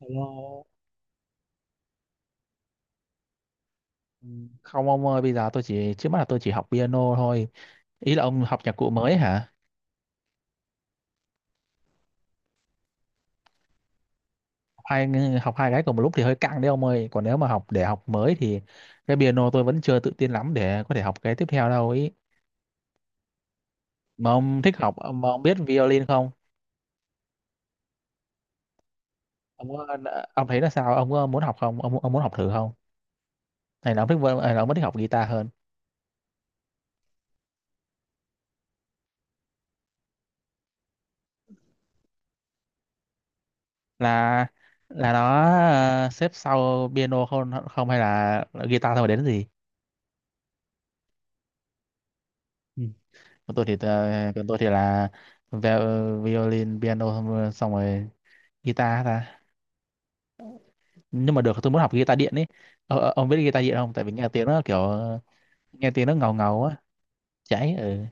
Hello. Ừ, không ông ơi, bây giờ tôi chỉ trước mắt là tôi chỉ học piano thôi. Ý là ông học nhạc cụ mới hả? Hai học hai cái cùng một lúc thì hơi căng đấy ông ơi. Còn nếu mà học để học mới thì cái piano tôi vẫn chưa tự tin lắm để có thể học cái tiếp theo đâu ý. Mà ông thích học, mà ông biết violin không? Ông có- ông thấy là sao? Ông có muốn học không? Ông muốn học thử không? Hay là ông thích hay là ông vẫn thích học guitar hơn? Là là nó xếp sau piano không không hay là guitar thôi mà đến gì? Còn tôi thì là violin, piano xong rồi guitar ta. Nhưng mà được tôi muốn học guitar điện ấy. Ông biết guitar điện không? Tại vì nghe tiếng nó kiểu nghe tiếng nó ngầu ngầu á, cháy ừ.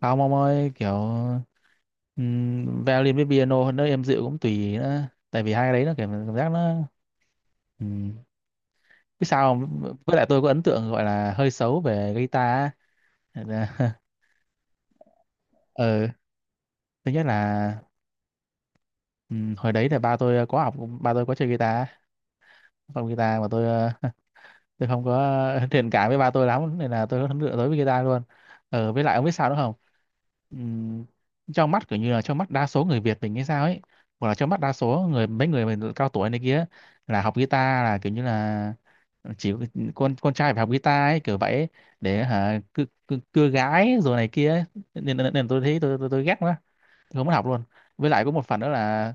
Không ông ơi, kiểu violin với piano nó êm dịu cũng tùy nữa. Tại vì hai cái đấy nó kiểu cảm giác nó ừm. Biết sao không? Với lại tôi có ấn tượng gọi là hơi xấu về guitar. Á. Ừ, thứ nhất là hồi đấy là ba tôi có học, ba tôi có chơi guitar, phòng guitar mà tôi tôi không có thiện cảm với ba tôi lắm nên là tôi lựa tới với guitar luôn. Ờ, với lại ông biết sao nữa không? Ừm, Trong mắt kiểu như là trong mắt đa số người Việt mình hay sao ấy, hoặc là trong mắt đa số người mấy người mình cao tuổi này kia là học guitar là kiểu như là chỉ con trai phải học guitar ấy kiểu vậy ấy, để hả cưa, cưa, cưa gái rồi này kia ấy. Nên tôi thấy tôi ghét quá, tôi không muốn học luôn. Với lại có một phần nữa là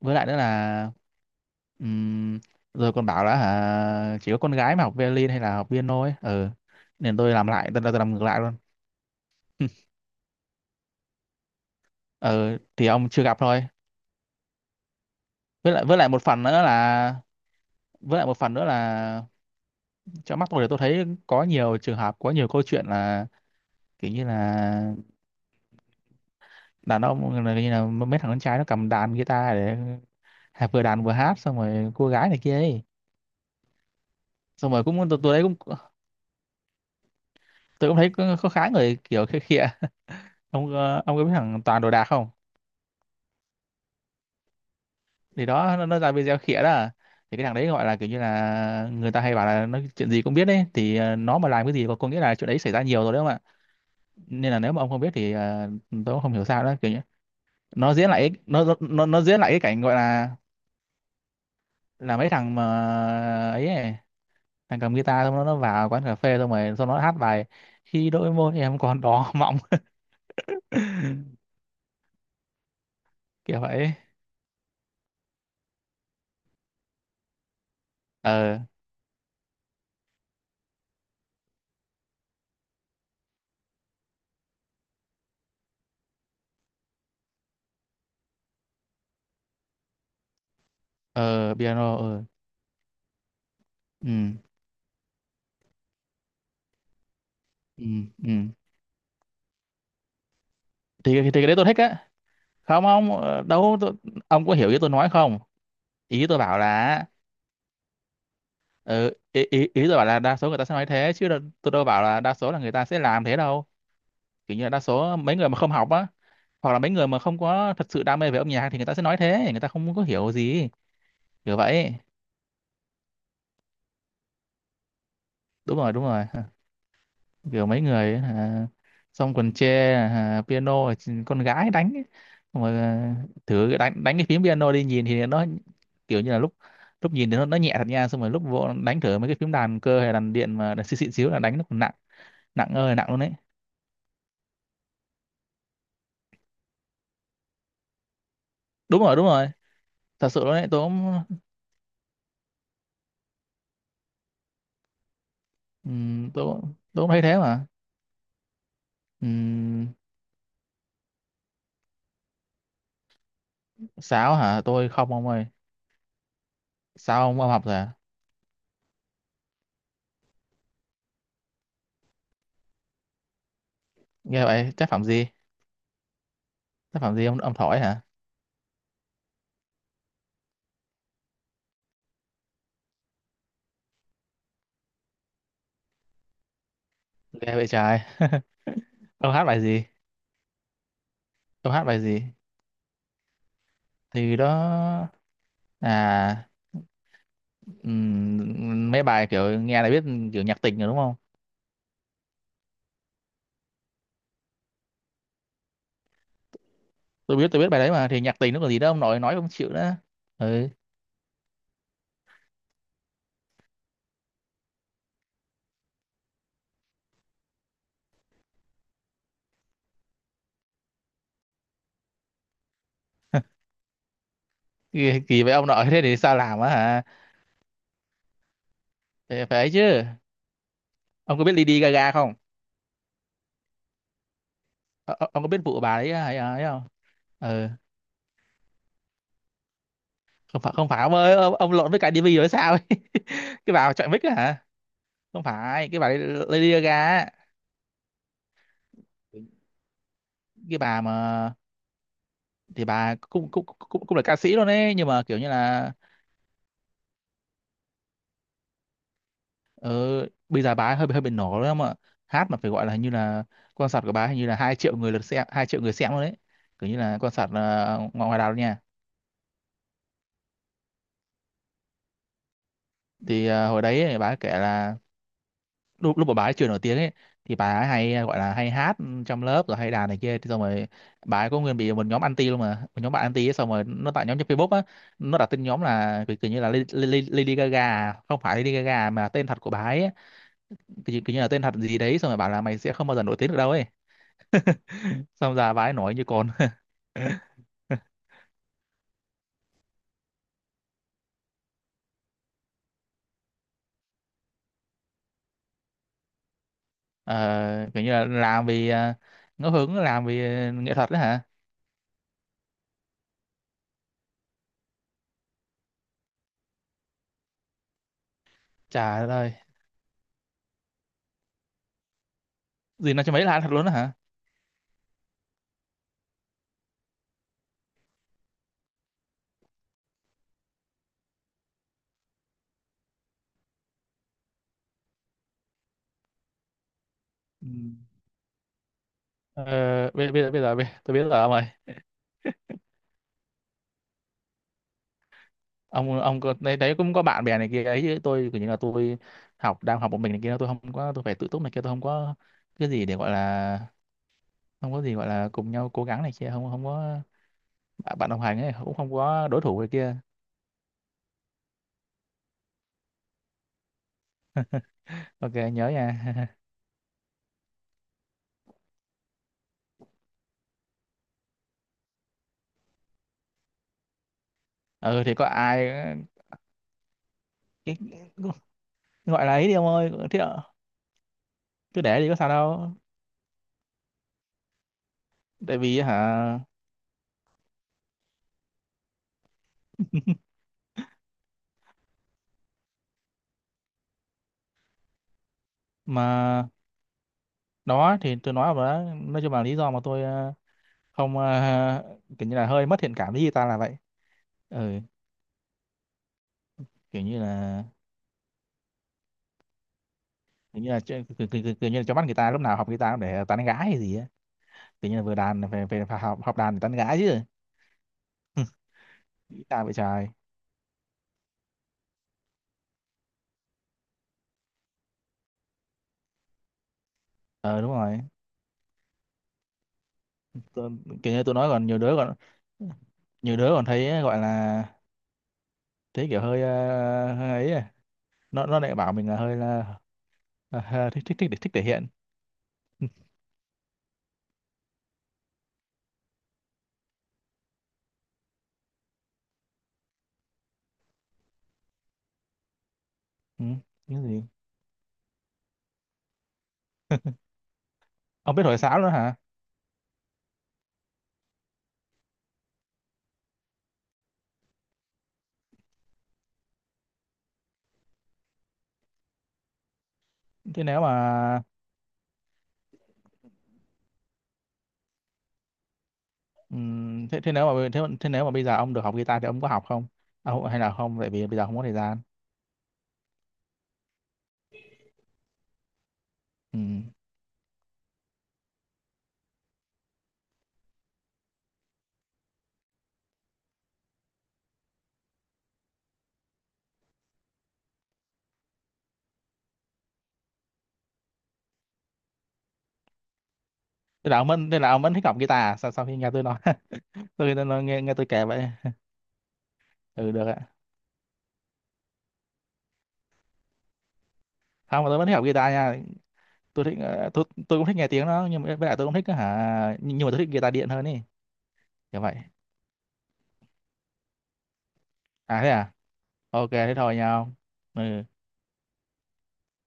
với lại nữa là ừm, rồi còn bảo là hả, chỉ có con gái mà học violin hay là học piano ấy ừ, nên tôi làm ngược lại luôn. Ừ thì ông chưa gặp thôi, với lại một phần nữa là với lại một phần nữa là trong mắt tôi thì tôi thấy có nhiều trường hợp có nhiều câu chuyện là kiểu như là đàn ông là như là mấy thằng con trai nó cầm đàn guitar để vừa đàn vừa hát xong rồi cô gái này kia ấy, xong rồi cũng tôi thấy cũng tôi cũng thấy có khá người kiểu khịa khịa. Ông ông có biết thằng Toàn đồ đạc không? Thì đó nó ra video khỉa đó à. Thì cái thằng đấy gọi là kiểu như là người ta hay bảo là nó chuyện gì cũng biết đấy thì nó mà làm cái gì có nghĩa là chuyện đấy xảy ra nhiều rồi đấy không ạ. Nên là nếu mà ông không biết thì tôi cũng không hiểu sao đó kiểu như nó diễn lại cái cảnh gọi là mấy thằng mà ấy thằng cầm guitar xong nó vào quán cà phê xong rồi xong nó hát bài khi đôi môi em còn đỏ mọng. Kiểu vậy. Ờ ờ, piano, ờ. Ừ. Ừ. Ừ thì cái đấy tôi thích á. Không không, đâu tôi, ông có hiểu ý tôi nói không? Ý tôi bảo là ừ, ý, ý ý tôi bảo là đa số người ta sẽ nói thế chứ tôi đâu bảo là đa số là người ta sẽ làm thế đâu. Kiểu như là đa số mấy người mà không học á, hoặc là mấy người mà không có thật sự đam mê về âm nhạc thì người ta sẽ nói thế, người ta không có hiểu gì. Kiểu vậy. Đúng rồi, đúng rồi. Kiểu mấy người ấy, à, xong còn chê à, piano là con gái đánh ấy. Xong rồi à, thử đánh đánh cái phím piano đi nhìn thì nó kiểu như là lúc lúc nhìn thì nó nhẹ thật nha, xong rồi lúc vô đánh thử mấy cái phím đàn cơ hay đàn điện mà đàn xịn xịn xíu là đánh nó còn nặng, nặng ơi là nặng luôn đấy. Đúng rồi, đúng rồi, thật sự luôn đấy. Tôi cũng thấy thế mà. Ừm, sáo hả, tôi không ông ơi. Sao, ông học rồi à? Nghe vậy, tác phẩm gì? Tác phẩm gì, ông thổi hả? Nghe vậy trời. Ông hát bài gì? Ông hát bài gì? Thì đó. À, mấy bài kiểu nghe là biết, kiểu nhạc tình rồi đúng không? Tôi biết, tôi biết bài đấy mà thì nhạc tình nó còn gì đâu ông nội nói không chịu nữa. Ừ. Kỳ, kỳ vậy ông nội. Thế thì sao làm á hả? Thế phải ấy chứ. Ông có biết Lady Gaga không? Ờ, ông có biết vụ bà đấy ấy không? Ừ, không phải, không phải ông ơi, ông lộn với cái Divi rồi sao ấy? Cái bà chọn mic á hả? Không phải cái bà đấy. Lady Gaga á. Cái bà mà thì bà cũng cũng là ca sĩ luôn ấy nhưng mà kiểu như là Ờ, bây giờ bà ấy hơi hơi bị nổ lắm ạ. Hát mà phải gọi là hình như là concert của bà ấy hình như là 2 triệu người lượt xem, 2 triệu người xem luôn đấy. Kiểu như là concert ngoài ngoài đảo nha. Thì ờ, hồi đấy ấy, bà ấy kể là lúc lúc mà bà ấy chưa nổi tiếng ấy thì bà ấy hay gọi là hay hát trong lớp rồi hay đàn này kia thì xong rồi bà ấy có nguyên bị một nhóm anti luôn mà, một nhóm bạn anti ấy, xong rồi nó tạo nhóm trên Facebook á, nó đặt tên nhóm là kiểu kiểu như là Lady, Lady Lady Gaga, à, không phải Lady Gaga à, mà là tên thật của bà ấy. Kiểu, kiểu như là tên thật gì đấy xong rồi bảo là mày sẽ không bao giờ nổi tiếng được đâu ấy. Xong giờ bà ấy nổi như con. Ờ, kiểu như là làm vì ngẫu hứng làm vì nghệ thuật đấy hả. Trời ơi. Gì nó cho mấy là ăn thật luôn đó hả? Ừ. Ờ, bây, bây giờ bây giờ bây- tôi biết rồi ông ơi. Ông có, đấy, đấy cũng có bạn bè này kia ấy chứ tôi kiểu như là tôi học đang học một mình này kia tôi không có tôi phải tự túc này kia tôi không có cái gì để gọi là không có gì gọi là cùng nhau cố gắng này kia không không có bạn bạn đồng hành ấy cũng không có đối thủ này kia. Ok nhớ nha. Ừ thì có ai cái gọi là ấy đi ông ơi thế ạ, cứ để đi có sao đâu. Tại vì hả. Mà đó thì tôi nói mà đó, nói chung là lý do mà tôi không kiểu như là hơi mất thiện cảm với guitar là vậy. Ừ. Kiểu như là kiểu như là kiểu như là cho bắt người ta lúc nào học guitar cũng để tán gái hay gì á. Kiểu như là vừa đàn về về phải học học đàn để tán gái chứ. Guitar vậy trời. Ờ đúng rồi, tôi, kiểu như tôi nói còn nhiều đứa còn nhiều đứa còn thấy gọi là thấy kiểu hơi, ờ, hơi ấy à. Nó lại bảo mình là hơi là ờ, thích thích thể hiện. ừ, cái gì, ông biết thổi sáo nữa hả? Thế nếu mà thế thế nếu mà thế, thế nếu mà bây giờ ông được học guitar thì ông có học không? À, không- hay là không tại vì bây giờ không có thời gian. Ừm. Thế là ông vẫn thích học guitar à? Sau Sau khi nghe tôi nói. tôi nghe, tôi nói- nghe, Nghe tôi kể vậy. Ừ được ạ. Không mà tôi vẫn thích học guitar nha. Tôi thích ờ, tôi cũng thích nghe tiếng nó nhưng mà với lại tôi cũng thích hả nhưng mà tôi thích guitar điện hơn ý. Kiểu vậy. À thế à. Ok thế thôi nha ông. Ừ.